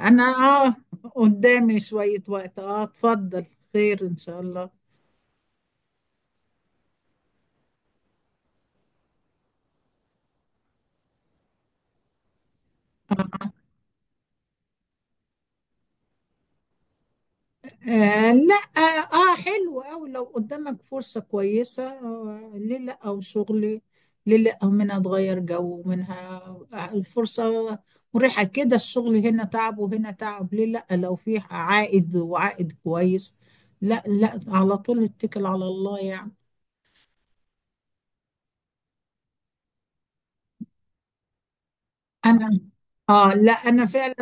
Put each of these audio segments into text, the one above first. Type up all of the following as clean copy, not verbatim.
انا. اه. قدامي شوية وقت، اتفضل. خير ان شاء الله. آه، لا. اه. آه، حلو أوي لو قدامك فرصة كويسة. آه، ليه لا؟ او شغلي. ليه لا؟ او منها اتغير جو منها. آه، الفرصة مريحة كده. الشغل هنا تعب وهنا تعب. ليه لا لو فيه عائد وعائد كويس؟ لا، لا، على طول اتكل على الله يعني. انا. اه. لا، انا فعلا.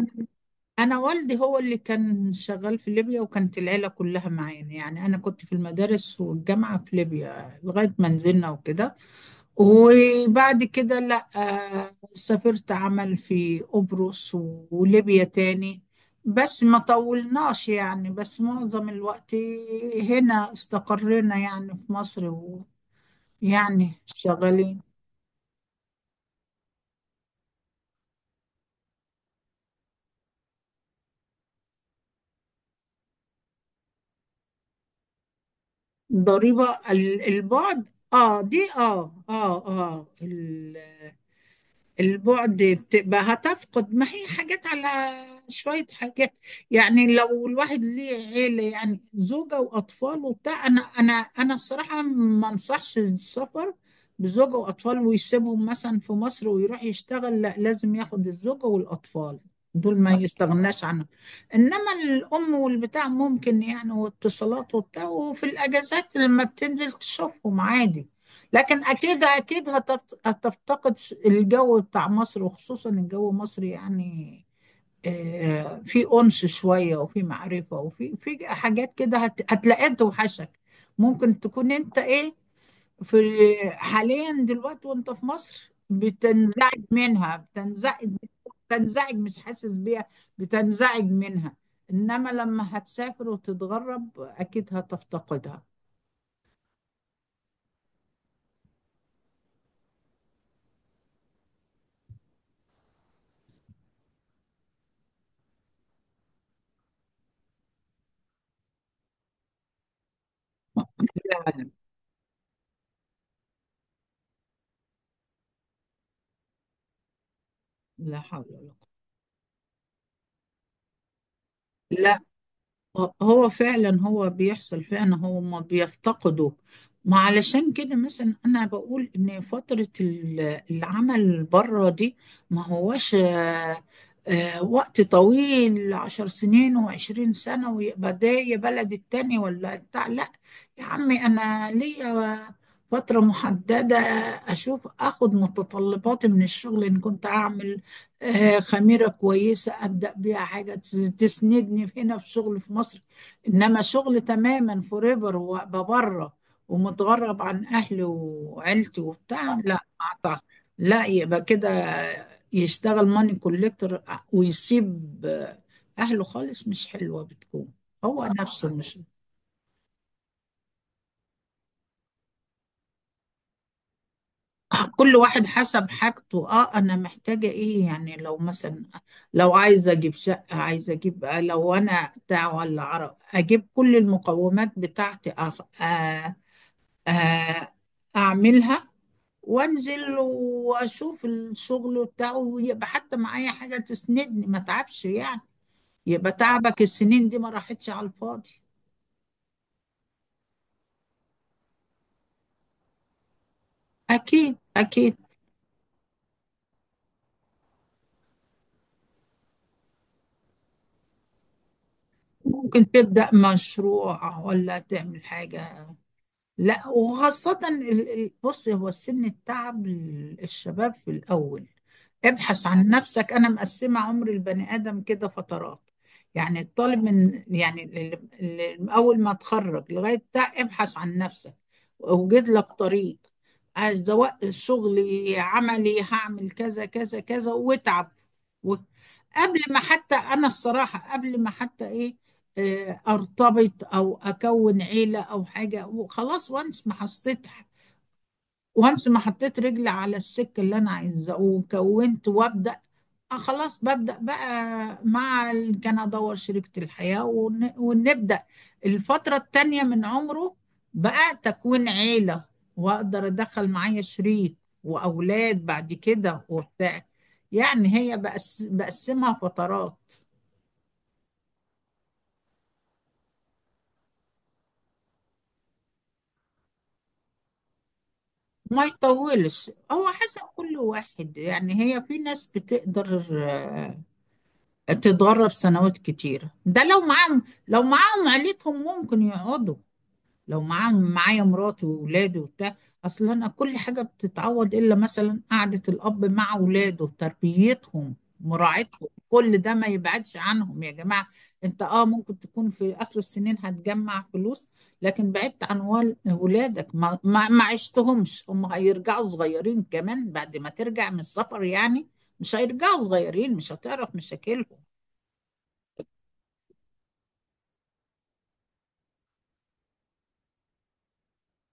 انا والدي هو اللي كان شغال في ليبيا، وكانت العيله كلها معانا. يعني انا كنت في المدارس والجامعه في ليبيا لغايه ما نزلنا وكده. وبعد كده، لا آه، سافرت عمل في قبرص وليبيا تاني. بس ما طولناش يعني. بس معظم الوقت هنا استقرينا يعني في مصر، ويعني شغالين. ضريبه البعد. اه دي. اه البعد بتبقى هتفقد ما هي حاجات، على شوية حاجات. يعني لو الواحد ليه عيلة، يعني زوجة وأطفال وبتاع. أنا الصراحة ما أنصحش السفر بزوجة وأطفال ويسيبهم مثلا في مصر ويروح يشتغل. لا، لازم ياخد الزوجة والأطفال، دول ما يستغناش عنهم. إنما الأم والبتاع ممكن، يعني واتصالات وبتاع، وفي الأجازات لما بتنزل تشوفهم عادي. لكن اكيد اكيد هتفتقد الجو بتاع مصر، وخصوصا الجو مصري يعني. آه، في انس شويه وفي معرفه وفي حاجات كده هتلاقيها توحشك. ممكن تكون انت ايه؟ في، حاليا دلوقتي وانت في مصر بتنزعج منها، بتنزعج. بتنزعج، مش حاسس بيها. بتنزعج منها. انما لما هتسافر وتتغرب اكيد هتفتقدها. لا لا حول ولا قوة. لا، هو فعلا، هو بيحصل فعلا، هما بيفتقدوا. ما علشان كده مثلا انا بقول ان فترة العمل بره دي ما هواش وقت طويل، 10 سنين و20 سنة ويبقى ده يا بلد التاني ولا بتاع، لا. يا عمي، انا ليا فترة محددة. اشوف اخد متطلباتي من الشغل ان كنت اعمل آه، خميرة كويسة أبدأ بيها حاجة تسندني هنا في شغل في مصر. إنما شغل تماما فوريفر وأبقى بره ومتغرب عن أهلي وعيلتي وبتاع، لا ما أعتقد. لا، يبقى كده يشتغل ماني كوليكتور ويسيب أهله خالص، مش حلوة بتكون. هو نفسه مش. كل واحد حسب حاجته. اه، انا محتاجة ايه يعني؟ لو مثلا، لو عايزة اجيب شقة، عايزة اجيب آه، لو انا بتاع ولا عرب اجيب كل المقومات بتاعتي آه. آه، اعملها وانزل واشوف الشغل بتاعه، ويبقى حتى معايا حاجة تسندني ما تعبش يعني. يبقى تعبك السنين دي ما راحتش على الفاضي. اكيد، اكيد. ممكن تبدأ مشروع ولا تعمل حاجة. لا، وخاصة بص، هو السن التعب، الشباب في الأول ابحث عن نفسك. أنا مقسمة عمر البني آدم كده فترات. يعني الطالب من يعني أول ما تخرج لغاية بتاع ابحث عن نفسك وأوجد لك طريق. عايز سواء شغلي عملي، هعمل كذا كذا كذا واتعب و- قبل ما حتى، أنا الصراحة قبل ما حتى إيه، آه، ارتبط او اكون عيله او حاجه وخلاص. وانس ما حسيت، وانس ما حطيت رجلي على السك اللي انا عايزاه وكونت وابدا، آه خلاص ببدا بقى مع كان ادور شريكه الحياه ونبدا الفتره التانيه من عمره، بقى تكوين عيله واقدر ادخل معايا شريك واولاد بعد كده وبتاع. يعني هي بقسمها فترات. ما يطولش، هو حسب كل واحد يعني. هي في ناس بتقدر آه، تتدرب سنوات كتيرة، ده لو معاهم عيلتهم ممكن يقعدوا. لو معاه معايا مراته وولاده وبتاع. اصل انا كل حاجه بتتعوض، الا مثلا قعده الاب مع ولاده، تربيتهم، مراعتهم، كل ده ما يبعدش عنهم يا جماعه. انت اه، ممكن تكون في اخر السنين هتجمع فلوس، لكن بعدت عن ولادك ما عشتهمش. هم هيرجعوا صغيرين كمان بعد ما ترجع من السفر يعني؟ مش هيرجعوا صغيرين، مش هتعرف مشاكلهم.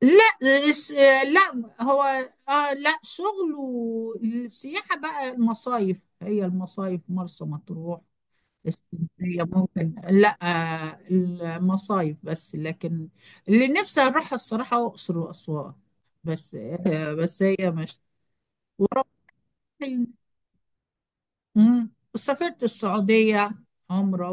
لا الس- لا. هو اه، لا، شغل والسياحة بقى، المصايف هي المصايف مرسى مطروح، اسكندرية ممكن، لا آه، المصايف بس. لكن اللي نفسي اروح الصراحة اقصر واسوان، بس آه، بس هي مش. وربنا. مم. سافرت السعودية عمرة.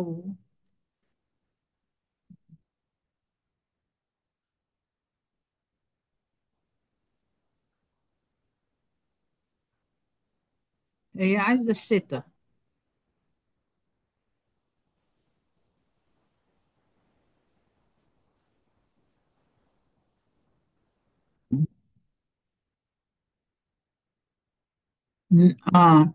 وهي عايزة الشتاء. مم. اه.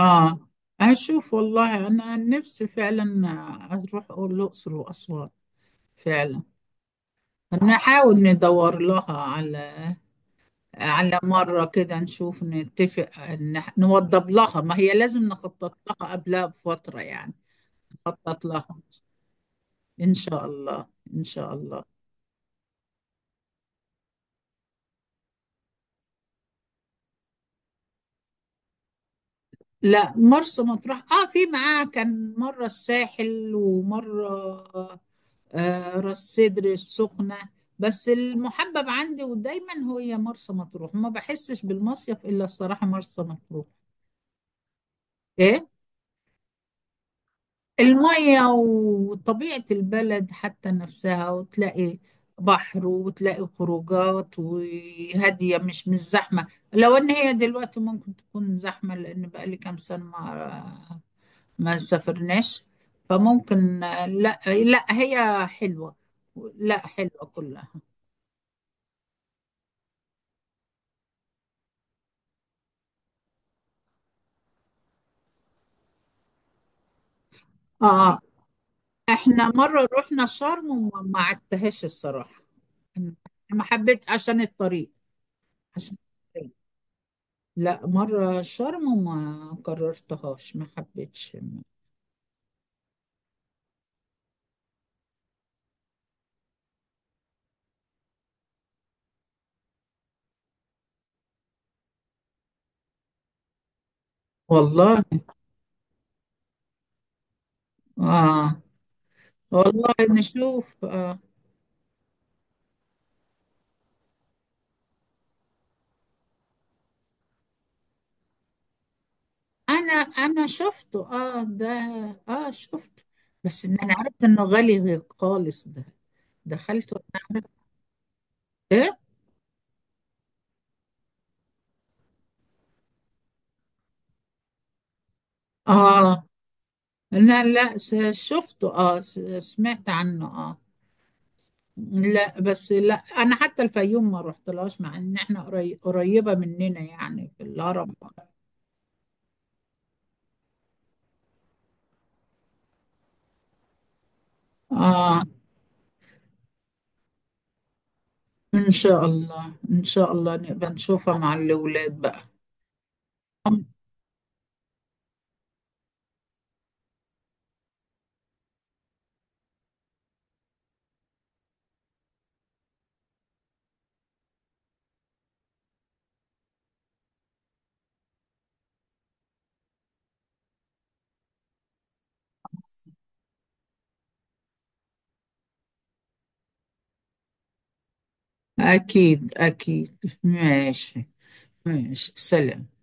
آه، أشوف والله. أنا عن نفسي فعلا آه، أروح الأقصر وأسوان فعلا. نحاول ندور لها على، على مرة كده نشوف نتفق، نوضب لها، ما هي لازم نخطط لها قبلها بفترة يعني. نخطط لها إن شاء الله. إن شاء الله. لا، مرسى مطروح آه، في معاه كان مرة الساحل ومرة آه، راس سدر السخنة. بس المحبب عندي ودايما هي مرسى مطروح، ما بحسش بالمصيف إلا الصراحة مرسى مطروح. إيه؟ المية وطبيعة البلد حتى نفسها، وتلاقي بحر وتلاقي خروجات وهادية مش زحمة. لو إن هي دلوقتي ممكن تكون زحمة لأن بقالي كام سنة ما سافرناش. فممكن آه، لا، لا، هي حلوة. لا، حلوة كلها. اه، احنا مرة رحنا شرم وما ما عدتهاش الصراحة. أنا ما حبيت عشان الطريق. عشان الطريق. لا، مرة شرم وما قررتهاش ما حبيتش. والله. اه، والله نشوف آه. انا شفته اه ده، اه شفته، بس ان انا عرفت انه غالي خالص ده. دخلت وانا عرفت. ايه؟ اه، لا شفته. اه، سمعت عنه اه. لا بس، لا انا حتى الفيوم ما رحتلهاش، مع ان احنا قريبة مننا يعني في الهرم. اه، ان شاء الله، ان شاء الله نبقى نشوفها مع الاولاد بقى. اكيد، اكيد. ماشي. ماشي، سلام.